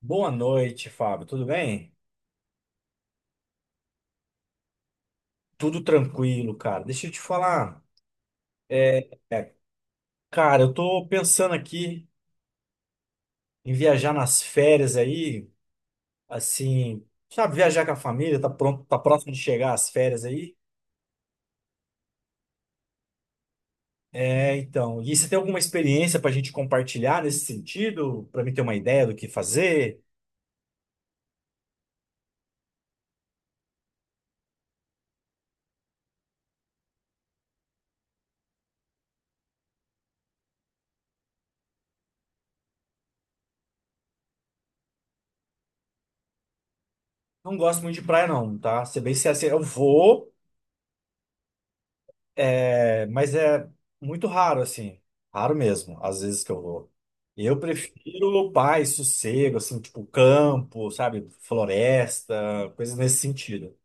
Boa noite, Fábio. Tudo bem? Tudo tranquilo, cara. Deixa eu te falar. É, é, cara, eu tô pensando aqui em viajar nas férias aí, assim, sabe, viajar com a família, tá pronto, tá próximo de chegar as férias aí. É, então. E você tem alguma experiência pra gente compartilhar nesse sentido? Pra mim ter uma ideia do que fazer? Não gosto muito de praia, não, tá? Ser bem sincero, assim, eu vou. É, mas é muito raro, assim. Raro mesmo, às vezes que eu vou. Eu prefiro paz, sossego, assim, tipo campo, sabe? Floresta, coisas nesse sentido.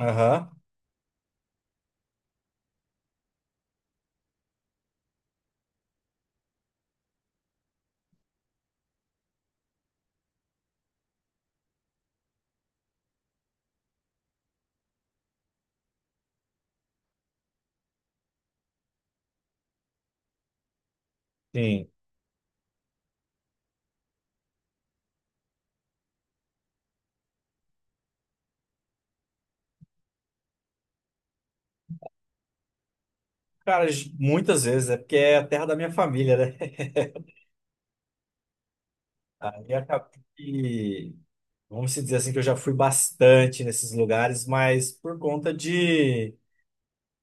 Aham, sim. Cara, muitas vezes é porque é a terra da minha família, né? Aí acaba que, vamos se dizer assim, que eu já fui bastante nesses lugares, mas por conta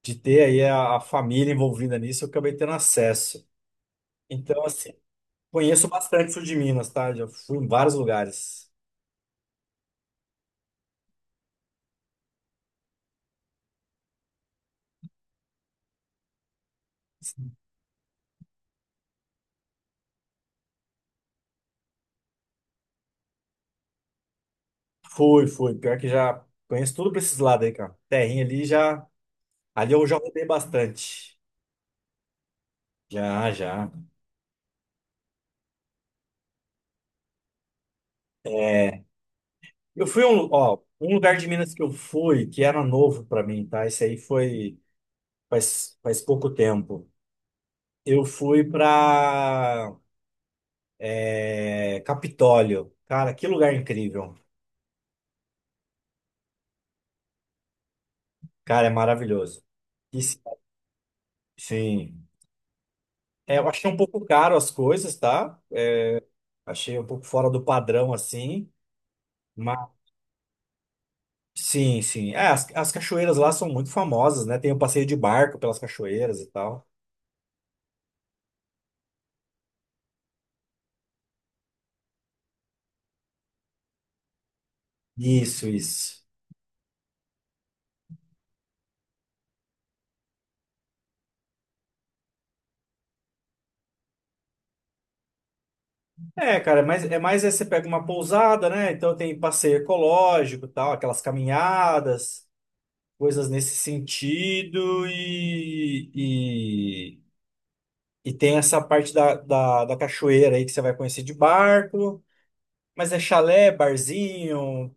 de ter aí a família envolvida nisso, eu acabei tendo acesso. Então, assim, conheço bastante o sul de Minas, tá? Já fui em vários lugares. Fui, fui. Pior que já conheço tudo pra esses lados aí, cara. Terrinha ali já. Ali eu já rodei bastante. Já, já. Eu fui a ó, um lugar de Minas que eu fui, que era novo pra mim, tá? Isso aí foi faz pouco tempo. Eu fui pra Capitólio. Cara, que lugar incrível. Cara, é maravilhoso. E, sim, é, eu achei um pouco caro as coisas, tá? Achei um pouco fora do padrão assim. Mas sim, sim. É, as cachoeiras lá são muito famosas, né? Tem o passeio de barco pelas cachoeiras e tal. Isso, isso. É, cara, mas é mais é você pega uma pousada, né? Então tem passeio ecológico, e tal, aquelas caminhadas, coisas nesse sentido e tem essa parte da cachoeira aí que você vai conhecer de barco, mas é chalé, barzinho,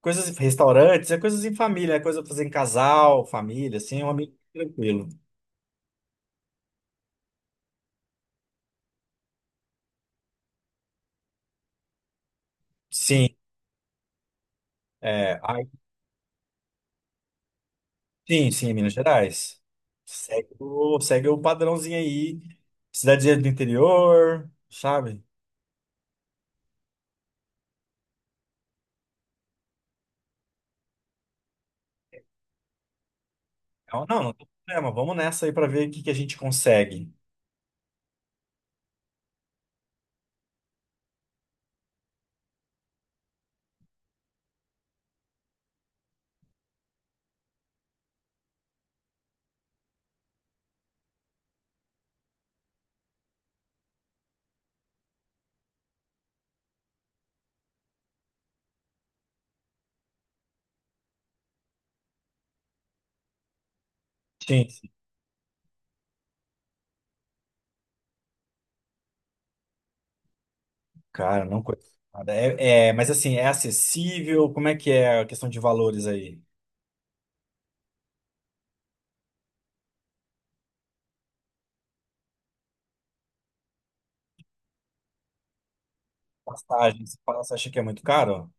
coisas, restaurantes, é coisas em família, é coisa pra fazer em casal, família, assim, é um ambiente tranquilo. Sim, é, aí- sim, sim, Minas Gerais. Segue o padrãozinho aí, cidadezinha do interior, sabe? Não, não, não tem problema, vamos nessa aí pra ver o que que a gente consegue. Sim, sim. Cara, não conheço nada. É, é, mas assim, é acessível? Como é que é a questão de valores aí? Passagens, você acha que é muito caro?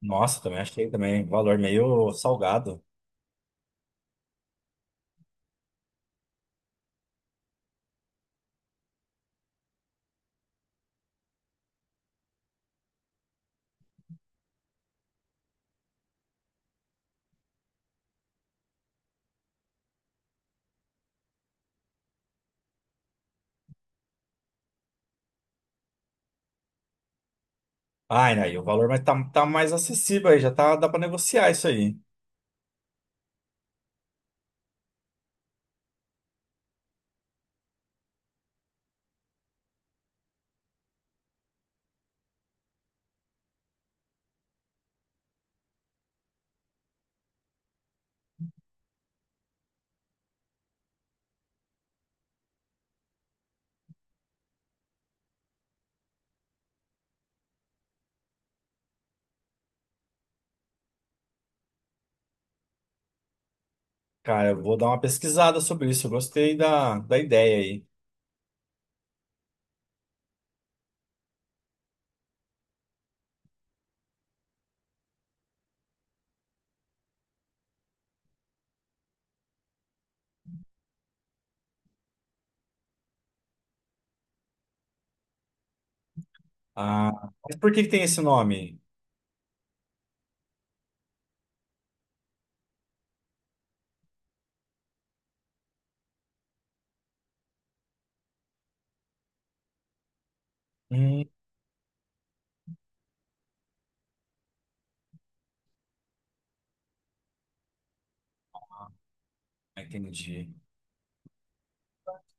Nossa, também achei também, valor meio salgado. Ai, aí o valor mas tá, tá mais acessível aí, já tá, dá pra negociar isso aí. Cara, eu vou dar uma pesquisada sobre isso, eu gostei da ideia aí. Ah, mas por que que tem esse nome? Hum, entendi.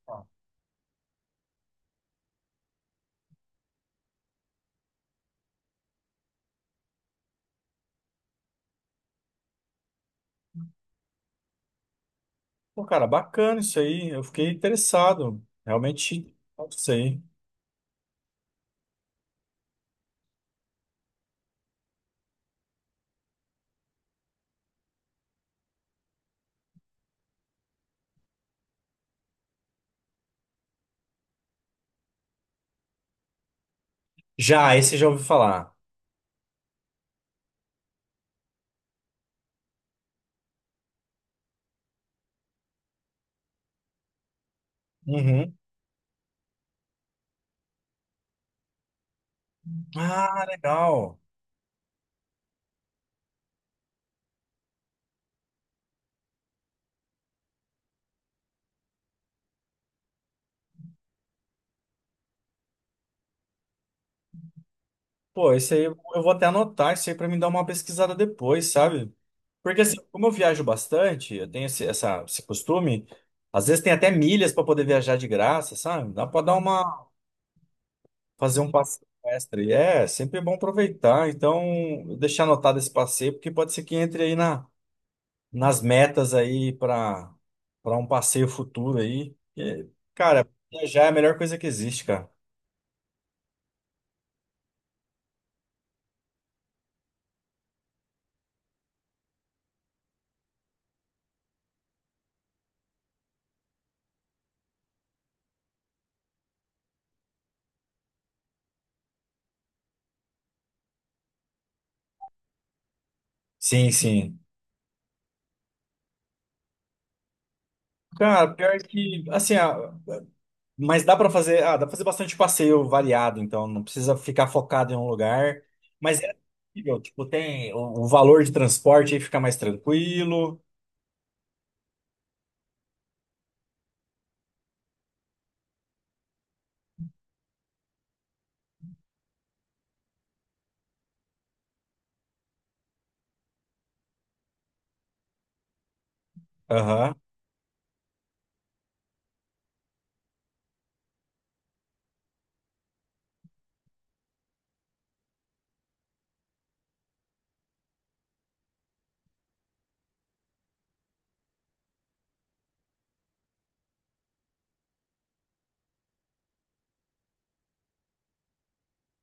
Ah, pô, cara, bacana isso aí, eu fiquei interessado. Realmente, isso aí. Já, esse já ouvi falar. Uhum. Ah, legal. Pô, esse aí eu vou até anotar isso aí pra me dar uma pesquisada depois, sabe? Porque assim, como eu viajo bastante, eu tenho esse costume, às vezes tem até milhas pra poder viajar de graça, sabe? Dá pra dar uma, fazer um passeio extra. E é sempre é bom aproveitar. Então, eu deixar anotado esse passeio, porque pode ser que entre aí nas metas aí pra para um passeio futuro aí. E, cara, viajar é a melhor coisa que existe, cara. Sim, sim. Cara, pior que, assim, mas dá para fazer, ah, dá para fazer bastante passeio variado, então não precisa ficar focado em um lugar. Mas é possível, tipo, tem o valor de transporte aí fica mais tranquilo. Aham.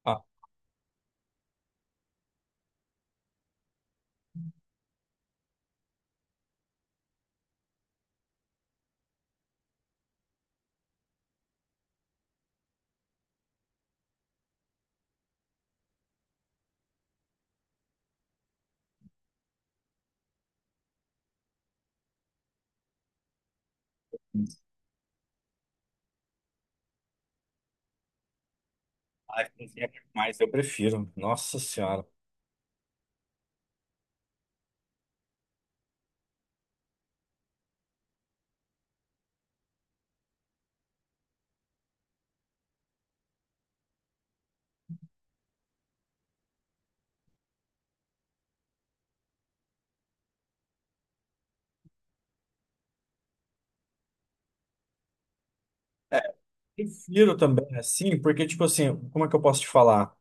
Ah, a cozinha é mais eu prefiro. Nossa Senhora. Prefiro também assim, porque tipo assim, como é que eu posso te falar?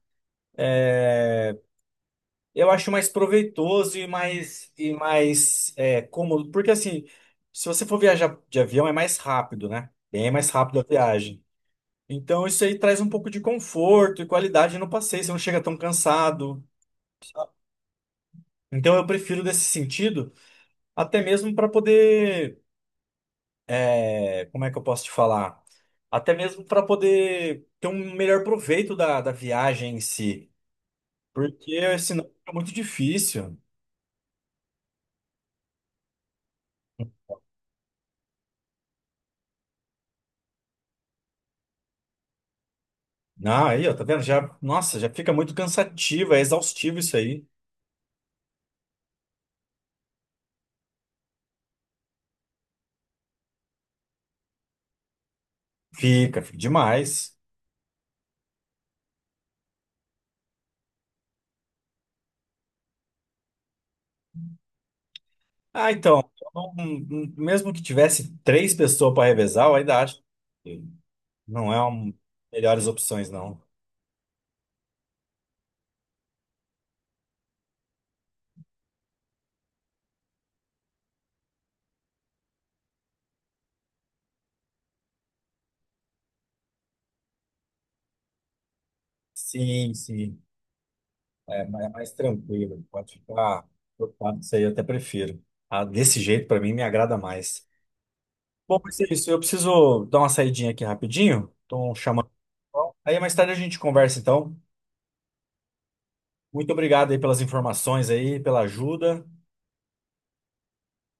Eu acho mais proveitoso e mais é, cômodo, porque assim, se você for viajar de avião é mais rápido, né? Bem mais rápido a viagem. Então isso aí traz um pouco de conforto e qualidade no passeio, você não chega tão cansado. Então eu prefiro desse sentido, até mesmo para poder, é, como é que eu posso te falar? Até mesmo para poder ter um melhor proveito da viagem em si, porque senão fica muito difícil. Ah, aí, ó, tá vendo? Já, nossa, já fica muito cansativo, é exaustivo isso aí. Fica, fica demais. Ah, então, mesmo que tivesse três pessoas para revezar, eu ainda acho. Não é uma das melhores opções, não. Sim, sim. É, é mais tranquilo. Pode ficar preocupado. Isso aí eu até prefiro. Ah, desse jeito, pra mim, me agrada mais. Bom, mas é isso. Eu preciso dar uma saidinha aqui rapidinho. Estão chamando. Aí mais tarde a gente conversa, então. Muito obrigado aí pelas informações aí, pela ajuda.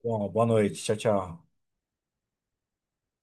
Bom, boa noite. Tchau, tchau.